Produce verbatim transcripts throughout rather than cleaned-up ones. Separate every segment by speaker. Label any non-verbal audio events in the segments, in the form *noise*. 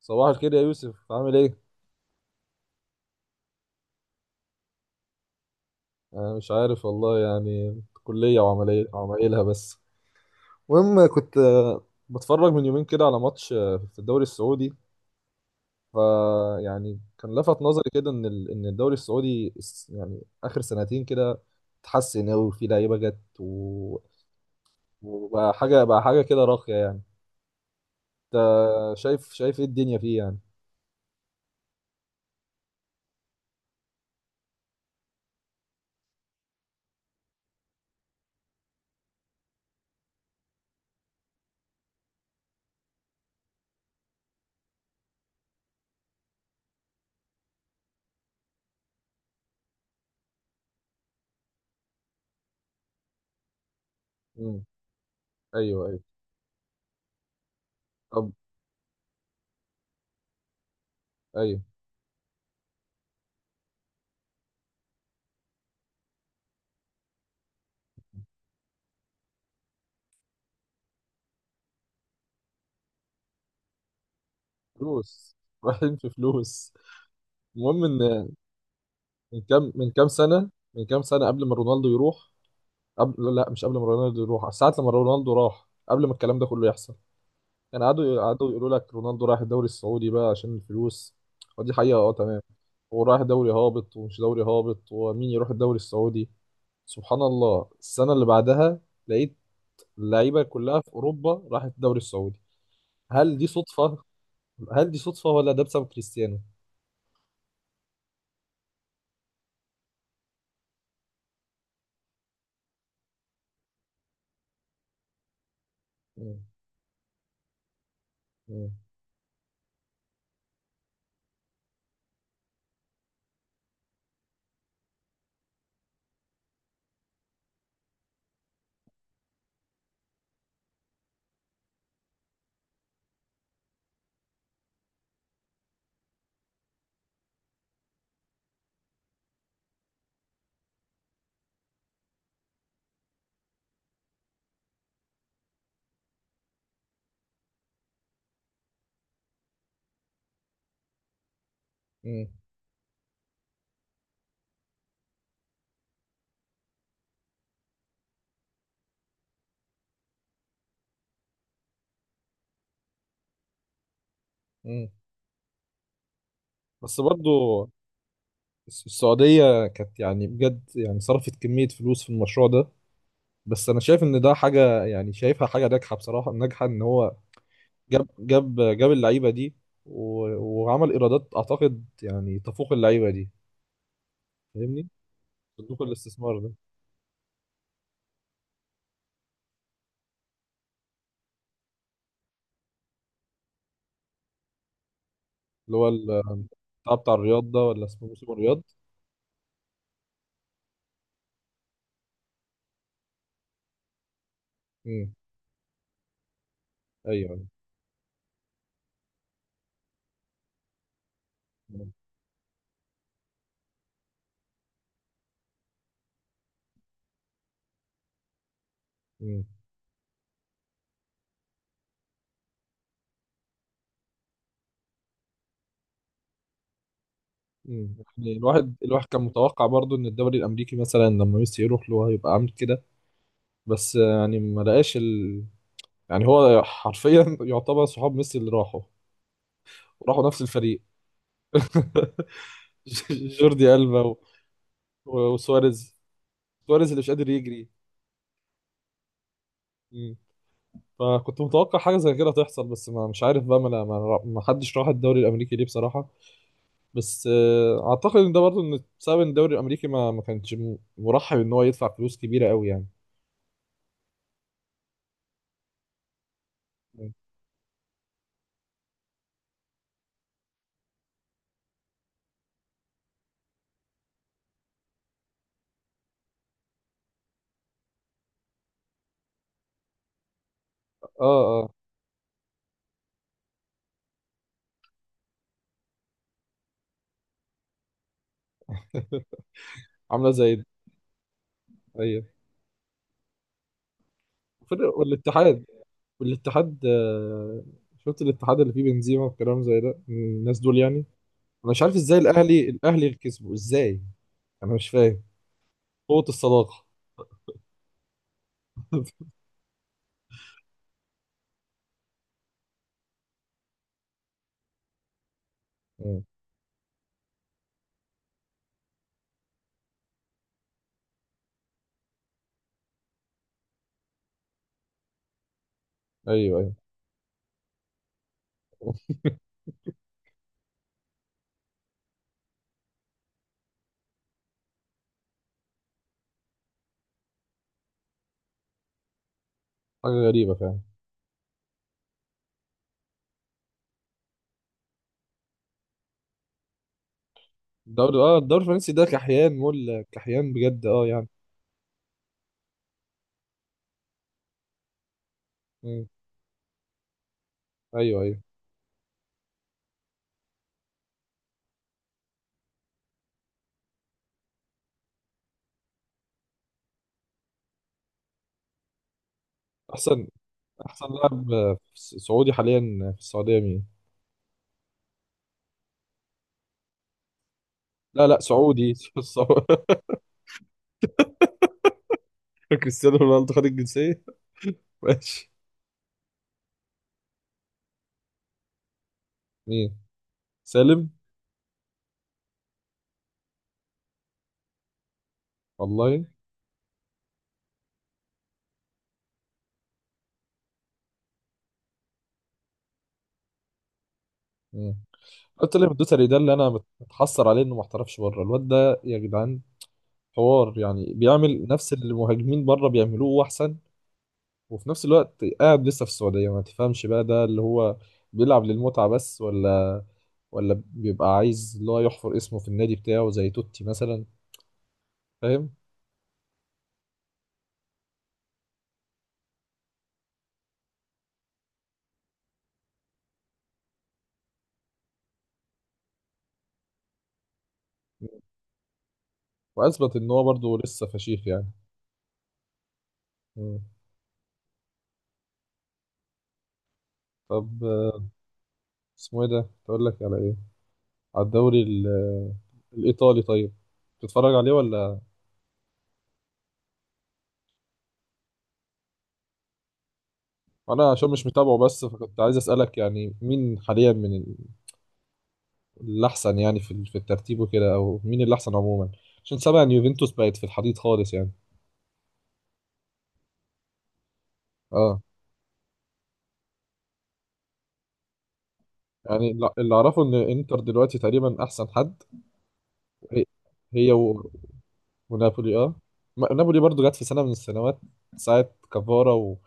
Speaker 1: صباح الخير يا يوسف، عامل ايه؟ انا مش عارف والله، يعني كلية وعملية وعمايلها بس. المهم كنت آه، بتفرج من يومين كده على ماتش آه، في الدوري السعودي. فيعني كان لفت نظري كده ان ال- ان الدوري السعودي، الس- يعني اخر سنتين كده اتحسن قوي، في لعيبة جت و- وبقى حاجة بقى حاجة كده راقية يعني. انت شايف شايف ايه الدنيا فيه يعني؟ امم. ايوه، ايوه. طب. ايوه. فلوس *laughs* رايحين في فلوس. المهم ان من كام من كام سنة من كام سنة قبل ما رونالدو يروح. قبل، لا، مش قبل ما رونالدو يروح، ساعة لما رونالدو راح قبل ما الكلام ده كله يحصل. يعني قعدوا قعدوا يقولوا لك رونالدو رايح الدوري السعودي بقى عشان الفلوس. ودي حقيقة، اه تمام. هو رايح دوري هابط ومش دوري هابط، ومين يروح الدوري السعودي؟ سبحان الله، السنة اللي بعدها لقيت اللعيبة كلها في أوروبا راحت الدوري السعودي. هل دي صدفة؟ هل دي صدفة ولا ده بسبب كريستيانو؟ مم. مم. مم. مم. بس برضو الس- السعودية كانت يعني بجد يعني صرفت كمية فلوس في المشروع ده. بس أنا شايف إن ده حاجة، يعني شايفها حاجة ناجحة بصراحة، ناجحة إن هو جاب جاب جاب اللعيبة دي و... وعمل إيرادات أعتقد يعني تفوق اللعيبة دي. فاهمني؟ صندوق الاستثمار ده، اللي هو ال- بتاع بتاع الرياض ده ولا اسمه موسم الرياض؟ امم. أيوه. امم. امم. يعني الواحد الواحد كان متوقع برضو إن الدوري الأمريكي مثلا لما ميسي يروح له هيبقى عامل كده. بس يعني ما لقاش، يعني هو حرفيا يعتبر صحاب ميسي اللي راحوا، وراحوا نفس الفريق. *laughs* جوردي ألبا و- وسواريز. سواريز اللي مش قادر يجري. مم. فكنت متوقع حاجة زي كده تحصل، بس ما مش عارف بقى، ما أنا- ما ما حدش راح الدوري الأمريكي ليه بصراحة. بس آه، أعتقد إن ده برضه إن بسبب إن الدوري الأمريكي ما ما كانش م- مرحب إن هو يدفع فلوس كبيرة قوي يعني. مم. اه، اه. *laughs* عاملة زي. أيوه. وفرق- والاتحاد. والاتحاد، آه، شفت الاتحاد اللي فيه بنزيما والكلام زي ده، الناس دول يعني. انا مش عارف ازاي الاهلي، الاهلي اللي كسبوا ازاي. انا مش فاهم. قوة الصداقة. *laughs* مم. ايوه، ايوه. *laughs* حاجة غريبة فعلا. الدوري، اه الدوري الفرنسي ده كحيان مول كحيان بجد، اه يعني. مم. ايوه، ايوه. احسن. احسن لاعب آه، س- سعودي حاليا في السعودية مين؟ لا، لا، سعودي *laughs* سعودي. كريستيانو رونالدو خد الجنسية. *laughs* ماشي. مين؟ سالم. والله قلت له الدوسري ده اللي انا متحسر عليه انه ما احترفش بره. الواد ده يا جدعان حوار، يعني بيعمل نفس اللي المهاجمين بره بيعملوه واحسن، وفي نفس الوقت قاعد لسه في السعوديه. ما تفهمش بقى ده اللي هو بيلعب للمتعه بس، ولا ولا بيبقى عايز اللي هو يحفر اسمه في النادي بتاعه زي توتي مثلا. فاهم؟ واثبت ان هو برضه لسه فشيخ يعني. مم. طب آه، اسمه ايه ده تقول لك على ايه؟ على الدوري ال- الايطالي؟ طيب. تتفرج عليه ولا؟ انا عشان مش متابعه، بس فكنت عايز اسالك يعني مين حاليا من ال- الاحسن يعني في ال- في الترتيب وكده، او مين الاحسن عموما؟ عشان سامع ان يوفنتوس بقت في الحضيض خالص يعني. اه. يعني الل- اللي اعرفه ان انتر دلوقتي تقريبا احسن حد. هي. هي و- ونابولي، اه. ما- نابولي برضو جت في سنه من السنوات، ساعه كافارا و...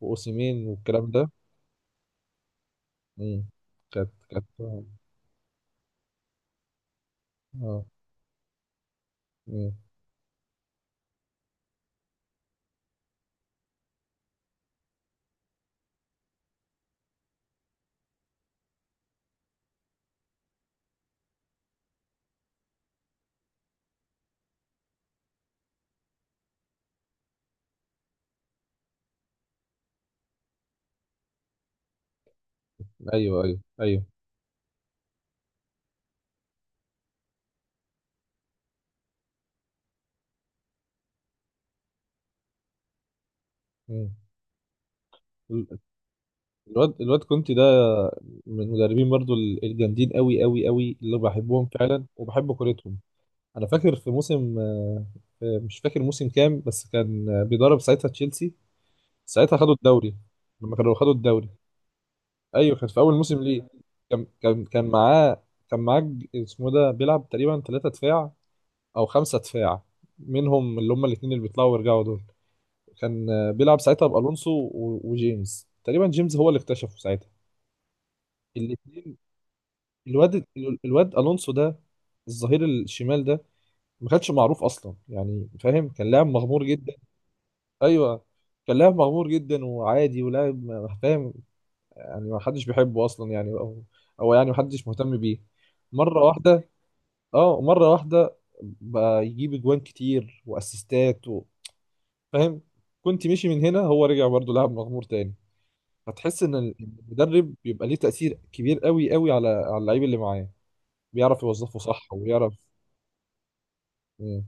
Speaker 1: واوسيمين والكلام ده. امم. كانت كانت. اه. مم. ايوه، ايوه، ايوه. مم. الواد الواد كونتي ده من المدربين برضو ال- الجامدين قوي قوي قوي اللي بحبهم فعلا وبحب كورتهم. انا فاكر في موسم آه، آه، مش فاكر موسم كام، بس كان آه، بيدرب ساعتها تشيلسي. ساعتها خدوا الدوري. لما كانوا خدوا الدوري، ايوه كان في اول موسم ليه. كان كان كان معاه. كان معاه ج- اسمه ده بيلعب تقريبا ثلاثة دفاع او خمسة دفاع، منهم اللي هم الاثنين اللي بيطلعوا ويرجعوا دول. كان آه، بيلعب ساعتها بألونسو و- وجيمس، تقريبا جيمس هو اللي اكتشفه ساعتها. الاثنين. الواد الواد الونسو ده، الظهير الشمال ده، ما كانش معروف اصلا يعني، فاهم؟ كان لاعب مغمور جدا. ايوه. كان لاعب مغمور جدا وعادي ولاعب، ما- فاهم؟ يعني ما حدش بيحبه اصلا يعني، او او يعني ما حدش مهتم بيه. مره واحده. اه، مره واحده بقى يجيب اجوان كتير واسيستات و... فاهم؟ كنت مشي من هنا هو رجع برضه لاعب مغمور تاني. فتحس ان المدرب بيبقى ليه تأثير كبير قوي قوي على على اللعيب اللي معاه، بيعرف يوظفه صح ويعرف. آه،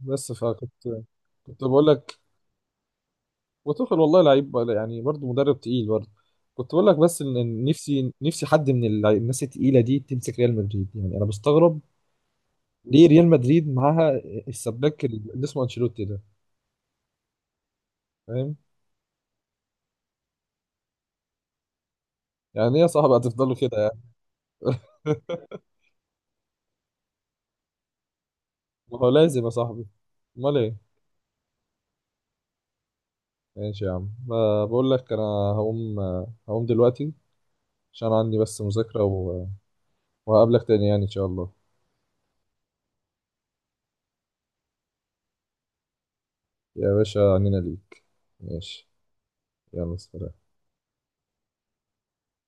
Speaker 1: بس فكنت، كنت بقول لك. وتوخيل والله لعيب، بقى- يعني برضه مدرب تقيل برضه. كنت بقول لك بس ان إن نفسي نفسي حد من اللع- الناس التقيله دي تمسك ريال مدريد، يعني انا بستغرب ليه ريال مدريد معاها السباك اللي اسمه انشيلوتي ده، فاهم؟ يعني ايه يا صاحبي هتفضلوا كده يعني؟ *laughs* ما هو لازم يا صاحبي، امال ايه؟ ماشي يا عم، ب- بقول لك انا هقوم، هقوم دلوقتي عشان عندي بس مذاكره و... وهقابلك تاني يعني ان شاء الله. يا باشا عنينا ليك. ماشي. يلا سلام.